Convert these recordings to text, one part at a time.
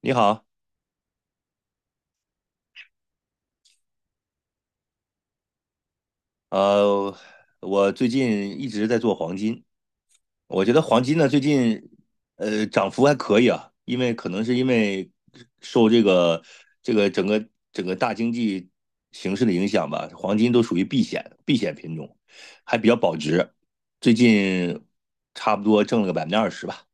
你好。呃，我最近一直在做黄金。我觉得黄金呢最近涨幅还可以啊，因为可能是因为受这个整个大经济形势的影响吧。黄金都属于避险品种，还比较保值。最近差不多挣了个百分之二十吧。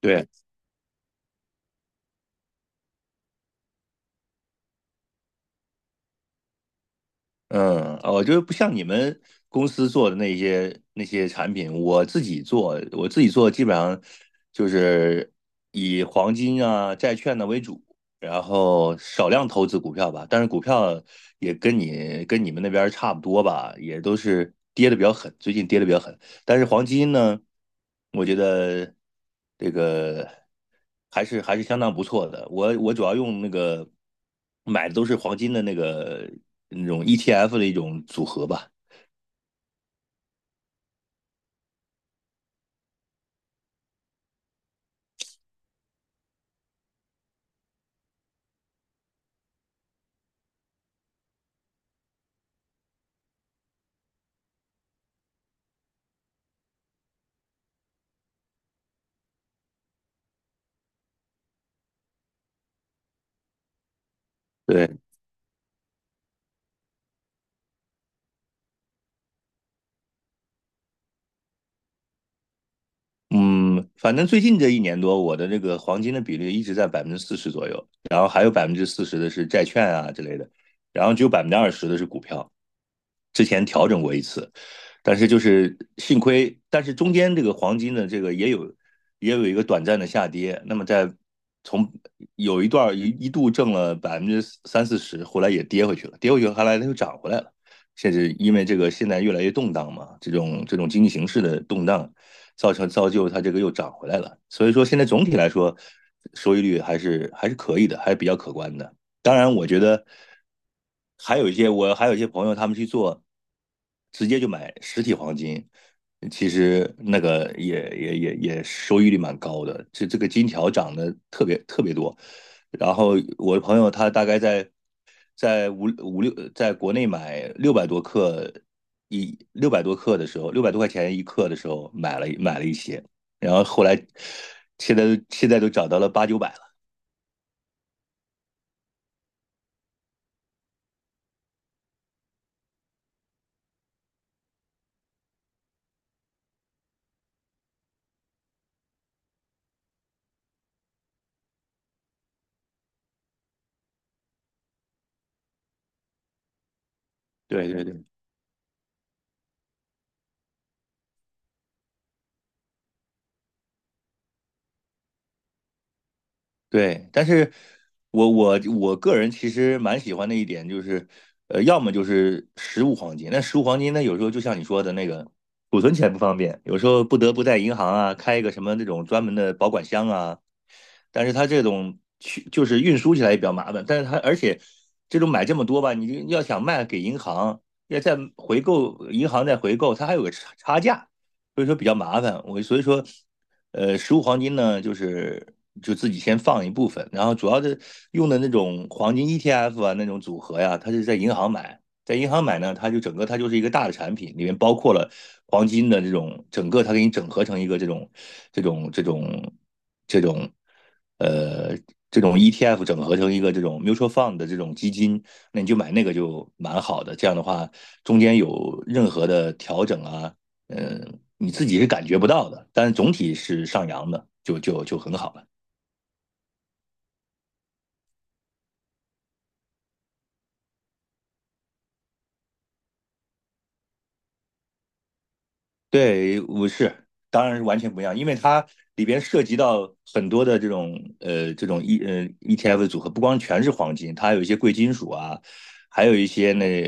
对，嗯，我觉得不像你们公司做的那些产品。我自己做基本上就是以黄金啊、债券呢、为主，然后少量投资股票吧。但是股票也跟你们那边儿差不多吧，也都是跌的比较狠，最近跌的比较狠。但是黄金呢，我觉得这个还是相当不错的。我主要用那个买的都是黄金的那个那种 ETF 的一种组合吧。对，嗯，反正最近这一年多，我的这个黄金的比例一直在百分之四十左右，然后还有百分之四十的是债券啊之类的，然后只有百分之二十的是股票。之前调整过一次，但是就是幸亏，但是中间这个黄金的这个也有一个短暂的下跌，那么在从有一段儿一一度挣了30%-40%，后来也跌回去了，跌回去后来它又涨回来了。甚至因为这个现在越来越动荡嘛，这种经济形势的动荡，造就它这个又涨回来了。所以说现在总体来说，收益率还是可以的，还是比较可观的。当然，我觉得还有一些我还有一些朋友他们去做，直接就买实体黄金，其实那个也收益率蛮高的。这个金条涨得特别多。然后我的朋友他大概在在六，在国内买六百多克的时候，600多块钱1克的时候买了一些，然后后来现在都涨到了800-900了。对对对。对，但是我我个人其实蛮喜欢的一点就是，要么就是实物黄金。那实物黄金呢，有时候就像你说的那个，储存起来不方便，有时候不得不在银行啊开一个什么那种专门的保管箱啊，但是它这种去就是运输起来也比较麻烦，但是它而且这种买这么多吧，你就要想卖给银行，要再回购，银行再回购，它还有个差价，所以说比较麻烦。所以说，实物黄金呢，就是就自己先放一部分，然后主要的用的那种黄金 ETF 啊，那种组合呀，它是在银行买。在银行买呢，它就整个它就是一个大的产品，里面包括了黄金的这种整个，它给你整合成一个这种这种这种呃。这种 ETF 整合成一个这种 mutual fund 的这种基金，那你就买那个就蛮好的。这样的话，中间有任何的调整啊，嗯，你自己是感觉不到的，但是总体是上扬的，就很好了。对，我是，当然是完全不一样，因为它里边涉及到很多的这种这种 ETF 的组合，不光全是黄金，它还有一些贵金属啊，还有一些那、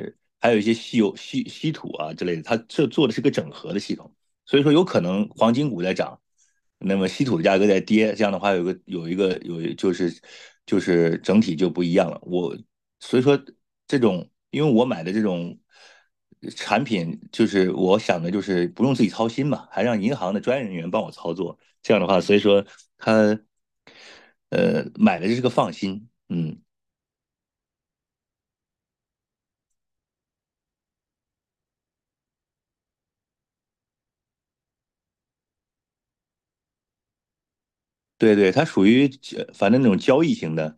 呃还有一些稀有稀稀土啊之类的，它这做的是个整合的系统。所以说有可能黄金股在涨，那么稀土的价格在跌，这样的话有个有一个有就是就是整体就不一样了。所以说这种，因为我买的这种产品，就是我想的就是不用自己操心嘛，还让银行的专业人员帮我操作，这样的话，所以说他呃买的就是个放心，嗯。对对，它属于呃反正那种交易型的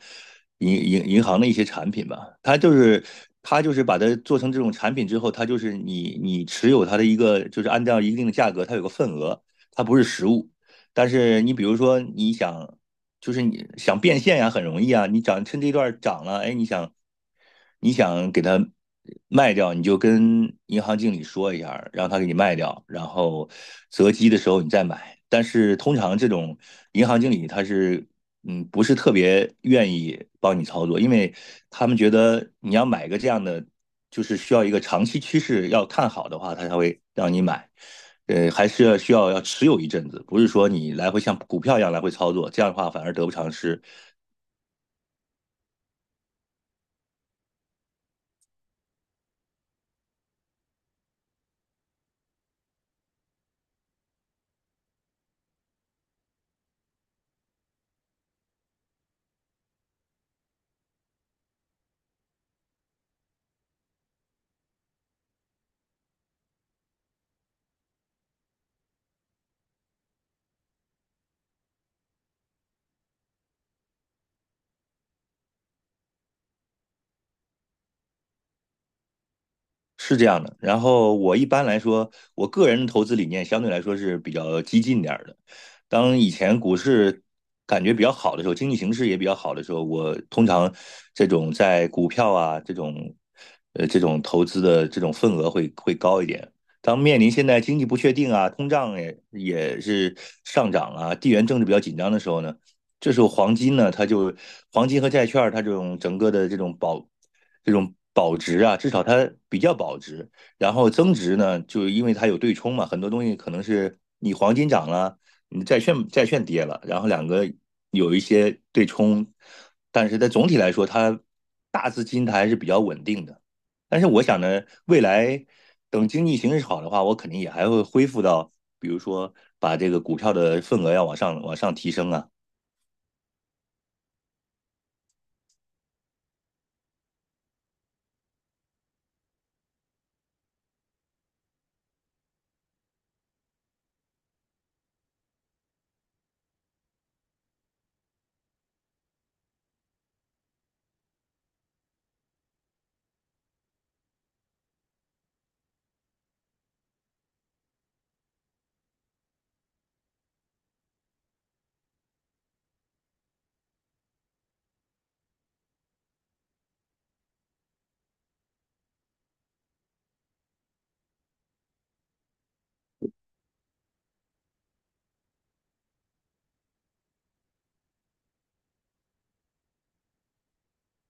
银行的一些产品吧，它就是把它做成这种产品之后，它就是你持有它的一个就是按照一定的价格，它有个份额，它不是实物。但是你比如说就是你想变现呀，很容易啊。你涨趁这段涨了，哎，你想给它卖掉，你就跟银行经理说一下，让他给你卖掉，然后择机的时候你再买。但是通常这种银行经理他是嗯不是特别愿意帮你操作，因为他们觉得你要买个这样的，就是需要一个长期趋势要看好的话，他才会让你买。还是需要要持有一阵子，不是说你来回像股票一样来回操作，这样的话反而得不偿失。是这样的。然后我一般来说，我个人的投资理念相对来说是比较激进点儿的。当以前股市感觉比较好的时候，经济形势也比较好的时候，我通常这种在股票啊这种这种投资的这种份额会高一点。当面临现在经济不确定啊，通胀也是上涨啊，地缘政治比较紧张的时候呢，这时候黄金呢，黄金和债券它这种整个的这种保值啊，至少它比较保值。然后增值呢，就因为它有对冲嘛，很多东西可能是你黄金涨了，你债券跌了，然后两个有一些对冲。但是在总体来说，它大资金它还是比较稳定的。但是我想呢，未来等经济形势好的话，我肯定也还会恢复到，比如说把这个股票的份额要往上提升啊。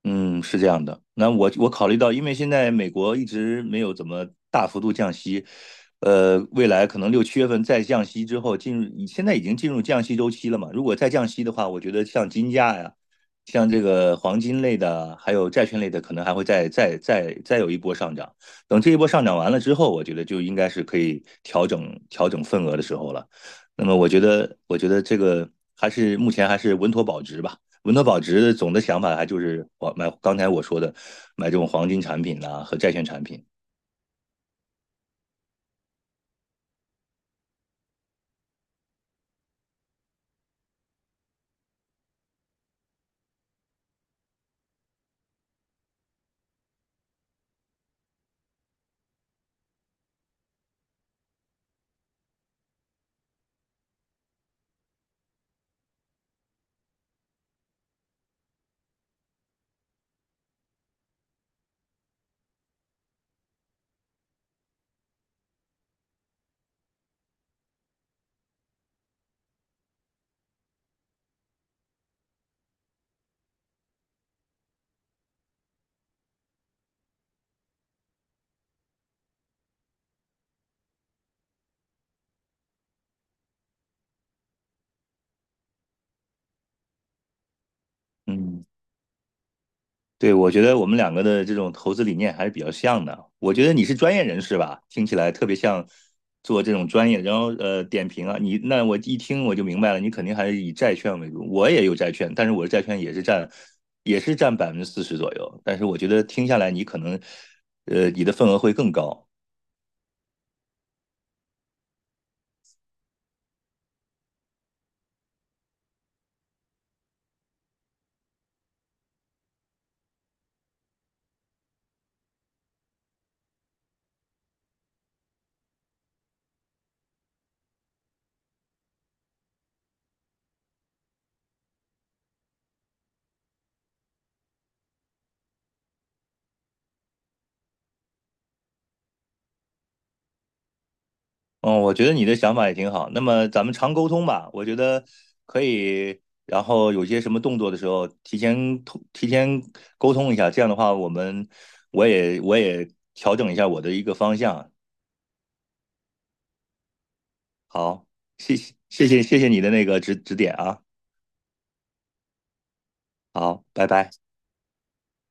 嗯，是这样的。我考虑到，因为现在美国一直没有怎么大幅度降息，未来可能6、7月份再降息之后，进入现在已经进入降息周期了嘛。如果再降息的话，我觉得像金价呀，像这个黄金类的，还有债券类的，可能还会再有一波上涨。等这一波上涨完了之后，我觉得就应该是可以调整份额的时候了。那么我觉得，我觉得这个目前还是稳妥保值吧。文德保值总的想法还就是我买刚才我说的买这种黄金产品呐、和债券产品。嗯，对，我觉得我们两个的这种投资理念还是比较像的。我觉得你是专业人士吧，听起来特别像做这种专业，然后呃点评啊，你那我一听我就明白了，你肯定还是以债券为主。我也有债券，但是我的债券也是占百分之四十左右，但是我觉得听下来你可能呃你的份额会更高。嗯，我觉得你的想法也挺好。那么咱们常沟通吧。我觉得可以。然后有些什么动作的时候，提前沟通一下，这样的话，我也调整一下我的一个方向。好，谢谢你的那个指点啊。好，拜拜。